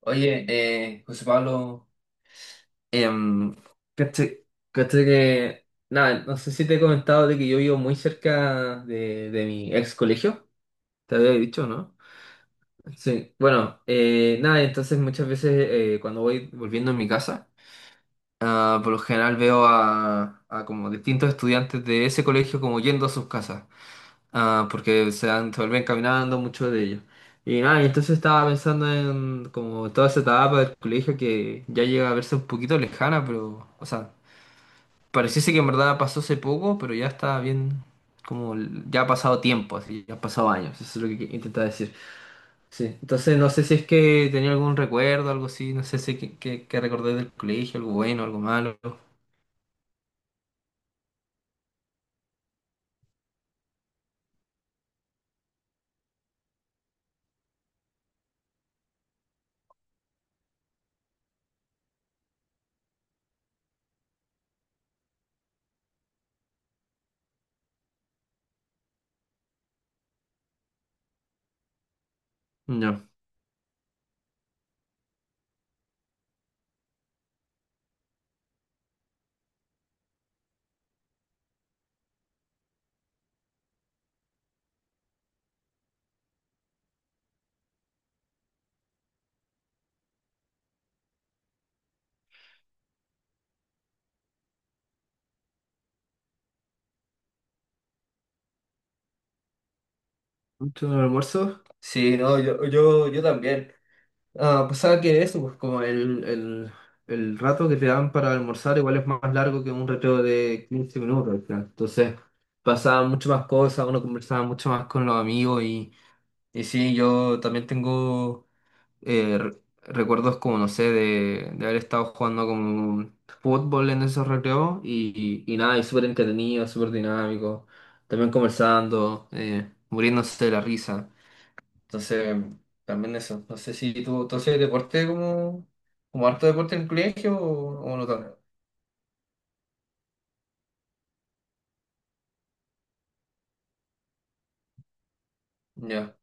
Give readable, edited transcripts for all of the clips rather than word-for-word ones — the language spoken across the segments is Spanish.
Oye, José Pablo, em, caché, caché que, nada, no sé si te he comentado de que yo vivo muy cerca de mi ex colegio, te había dicho, ¿no? Sí, bueno, nada, entonces muchas veces cuando voy volviendo a mi casa, ah, por lo general veo a como distintos estudiantes de ese colegio como yendo a sus casas. Ah, porque se vuelven caminando mucho de ellos. Y nada, y entonces estaba pensando en como toda esa etapa del colegio que ya llega a verse un poquito lejana, pero, o sea, pareciese que en verdad pasó hace poco, pero ya está bien, ya ha pasado tiempo, así, ya han pasado años, eso es lo que intentaba decir. Sí, entonces no sé si es que tenía algún recuerdo, algo así, no sé si que, recordé del colegio, algo bueno, algo malo. No. ¿Mucho almuerzo? Sí, no, yo también. Ah, pasaba que eso, pues como el rato que te dan para almorzar igual es más largo que un recreo de 15 minutos al final. Entonces pasaban muchas más cosas, uno conversaba mucho más con los amigos y sí, yo también tengo recuerdos como, no sé, de haber estado jugando como fútbol en esos recreos y nada, y súper entretenido, súper dinámico, también conversando, muriéndose de la risa. Entonces, también eso. No sé si tú, entonces, deporte como harto deporte en el colegio o no tanto. Ya.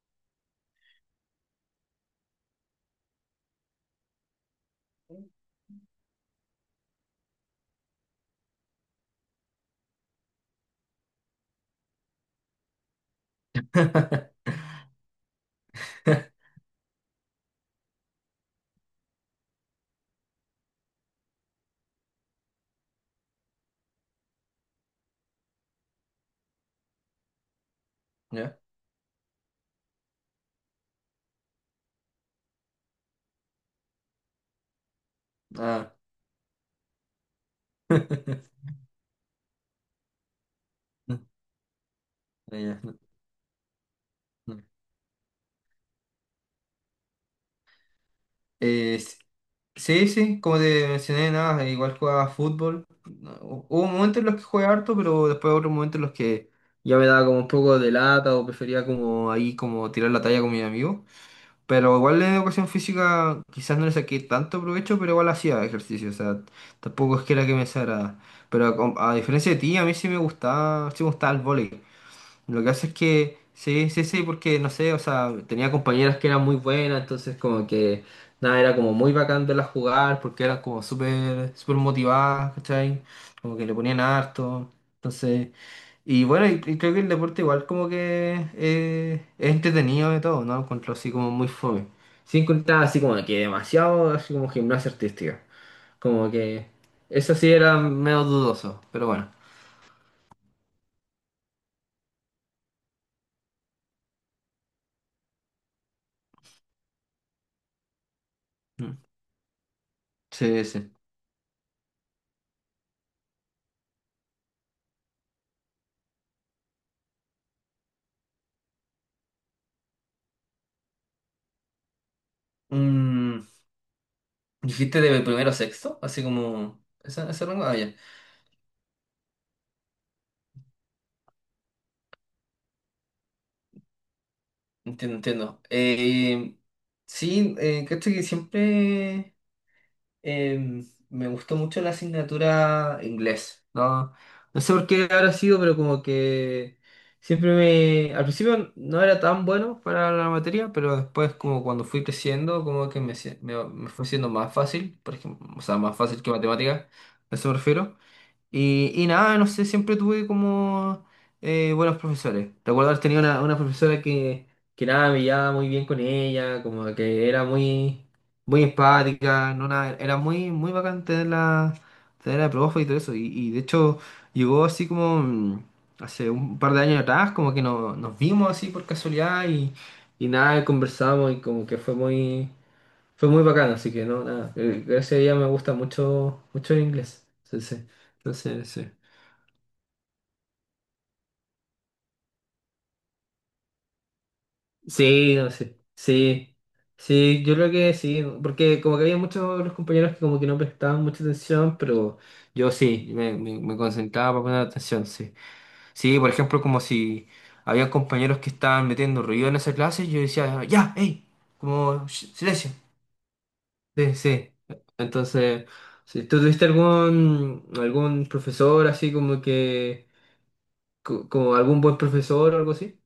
Ya. Ah. Ya, ya, no, no. Eh, s- sí, sí, como te mencioné, nada, igual jugaba fútbol. No, hubo momentos en los que jugué harto, pero después otros momentos en los que ya me daba como un poco de lata o prefería como ahí como tirar la talla con mis amigos. Pero igual en educación física quizás no le saqué tanto provecho, pero igual hacía ejercicio, o sea, tampoco es que era que me desagrada. Pero a diferencia de ti, a mí sí me gustaba el vóley. Lo que hace es que, sí, sí, sí, porque no sé, o sea, tenía compañeras que eran muy buenas, entonces como que, nada, era como muy bacán verlas jugar, porque eran como súper, súper motivadas, ¿cachai? Como que le ponían harto, entonces, y bueno, y creo que el deporte igual como que es entretenido de todo, ¿no? Lo encuentro así como muy fome. Sin contar así como que demasiado, así como gimnasia artística, como que eso sí era medio dudoso, pero bueno, mm. Sí, sí. Mm, ¿dijiste de primero a sexto? Así como... ¿Ese, ese rango? Ah, ya. Entiendo, entiendo. Sí, cacho que siempre eh, me gustó mucho la asignatura inglés, ¿no? No sé por qué habrá sido, pero como que siempre me... Al principio no era tan bueno para la materia, pero después como cuando fui creciendo, como que me fue siendo más fácil, por ejemplo, o sea, más fácil que matemática, a eso me refiero. Y nada, no sé, siempre tuve como buenos profesores. Recuerdo haber tenido una profesora que nada, me llevaba muy bien con ella, como que era muy, muy empática, no nada, era muy, muy bacán tenerla de profe y todo eso. Y de hecho llegó así como hace un par de años atrás, como que nos vimos así por casualidad y nada, conversamos y como que fue muy... Fue muy bacano, así que no, nada. Gracias a ella me gusta mucho, mucho el inglés. Sí, sí. Entonces, sí. Sí, no sé. Sí. Sí, yo creo que sí. Porque como que había muchos de los compañeros que como que no prestaban mucha atención, pero yo sí, me concentraba para poner atención, sí. Sí, por ejemplo, como si había compañeros que estaban metiendo ruido en esa clase, yo decía, ya, hey, como "Shh, silencio". Sí, sí. Entonces, si tú tuviste algún profesor así como que como algún buen profesor o algo así,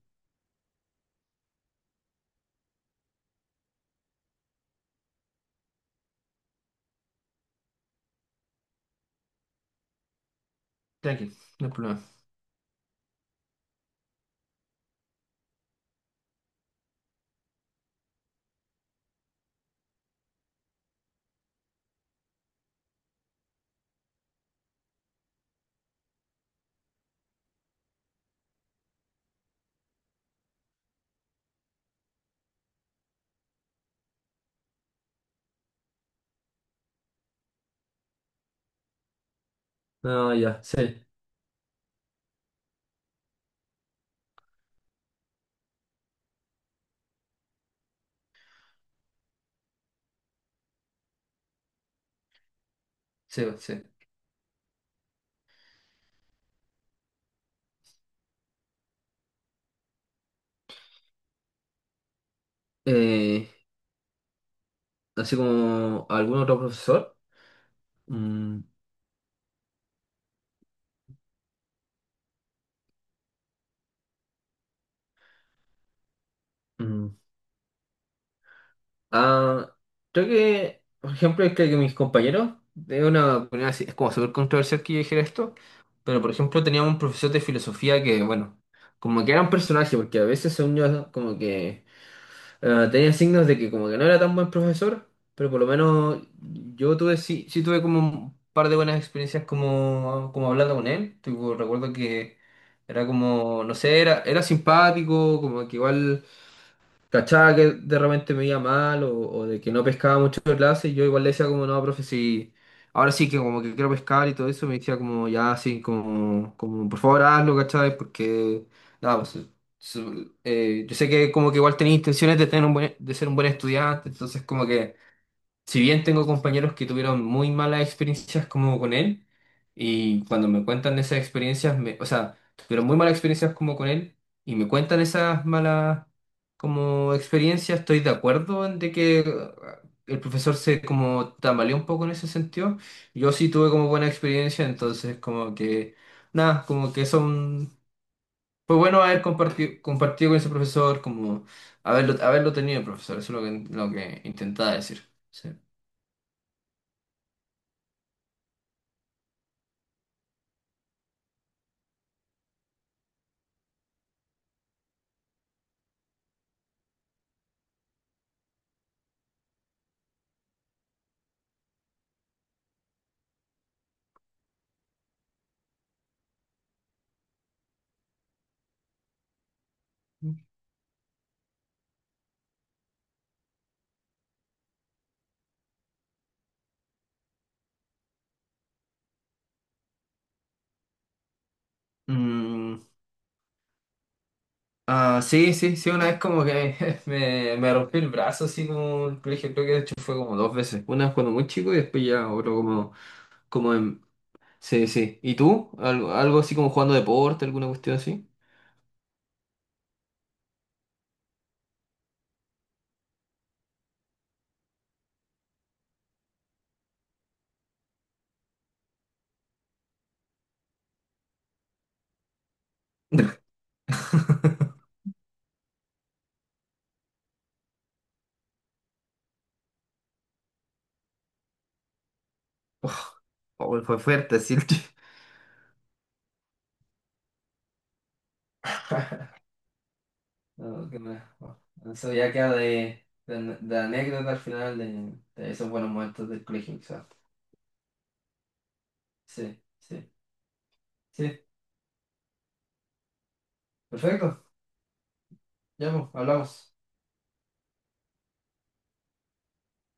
tranquilo, no hay problema. No, ya, sí, sí, sí. Eh, así como algún otro profesor. Mm, mm. Ah, creo que, por ejemplo, creo que mis compañeros, de una opinión así, es como súper controversial que yo dijera esto, pero por ejemplo teníamos un profesor de filosofía que, bueno, como que era un personaje, porque a veces son yo como que tenía signos de que como que no era tan buen profesor, pero por lo menos yo tuve, sí, sí tuve como un par de buenas experiencias como, como hablando con él. Tipo, recuerdo que era como, no sé, era, era simpático, como que igual cachaba que de repente me iba mal o de que no pescaba mucho en clase, y yo igual le decía como, no, profe, sí, ahora sí que como que quiero pescar y todo eso, me decía como, ya, sí, como, como por favor hazlo, ¿cachai? Porque, nada, pues, yo sé que como que igual tenía intenciones de, tener un de ser un buen estudiante, entonces como que si bien tengo compañeros que tuvieron muy malas experiencias como con él, y cuando me cuentan esas experiencias, me, o sea, tuvieron muy malas experiencias como con él, y me cuentan esas malas como experiencias, estoy de acuerdo en de que el profesor se como tambaleó un poco en ese sentido. Yo sí tuve como buena experiencia, entonces como que, nada, como que son, fue bueno haber compartido, compartido con ese profesor, como haberlo, haberlo tenido, profesor, eso es lo que intentaba decir. Sí. Mm, ah, sí, sí, sí, una vez como que me rompí el brazo así como en el colegio, creo que de hecho fue como dos veces. Una vez cuando muy chico y después ya otro como, como en... Sí, sí. ¿Y tú? ¿Algo, algo así como jugando deporte, alguna cuestión así? Oh, oh, fue fuerte, sí. No, que me- oh, eso ya queda de anécdota al final de esos buenos momentos del colegio, quizás. Sí, sí, sí. Perfecto, ya pues, hablamos.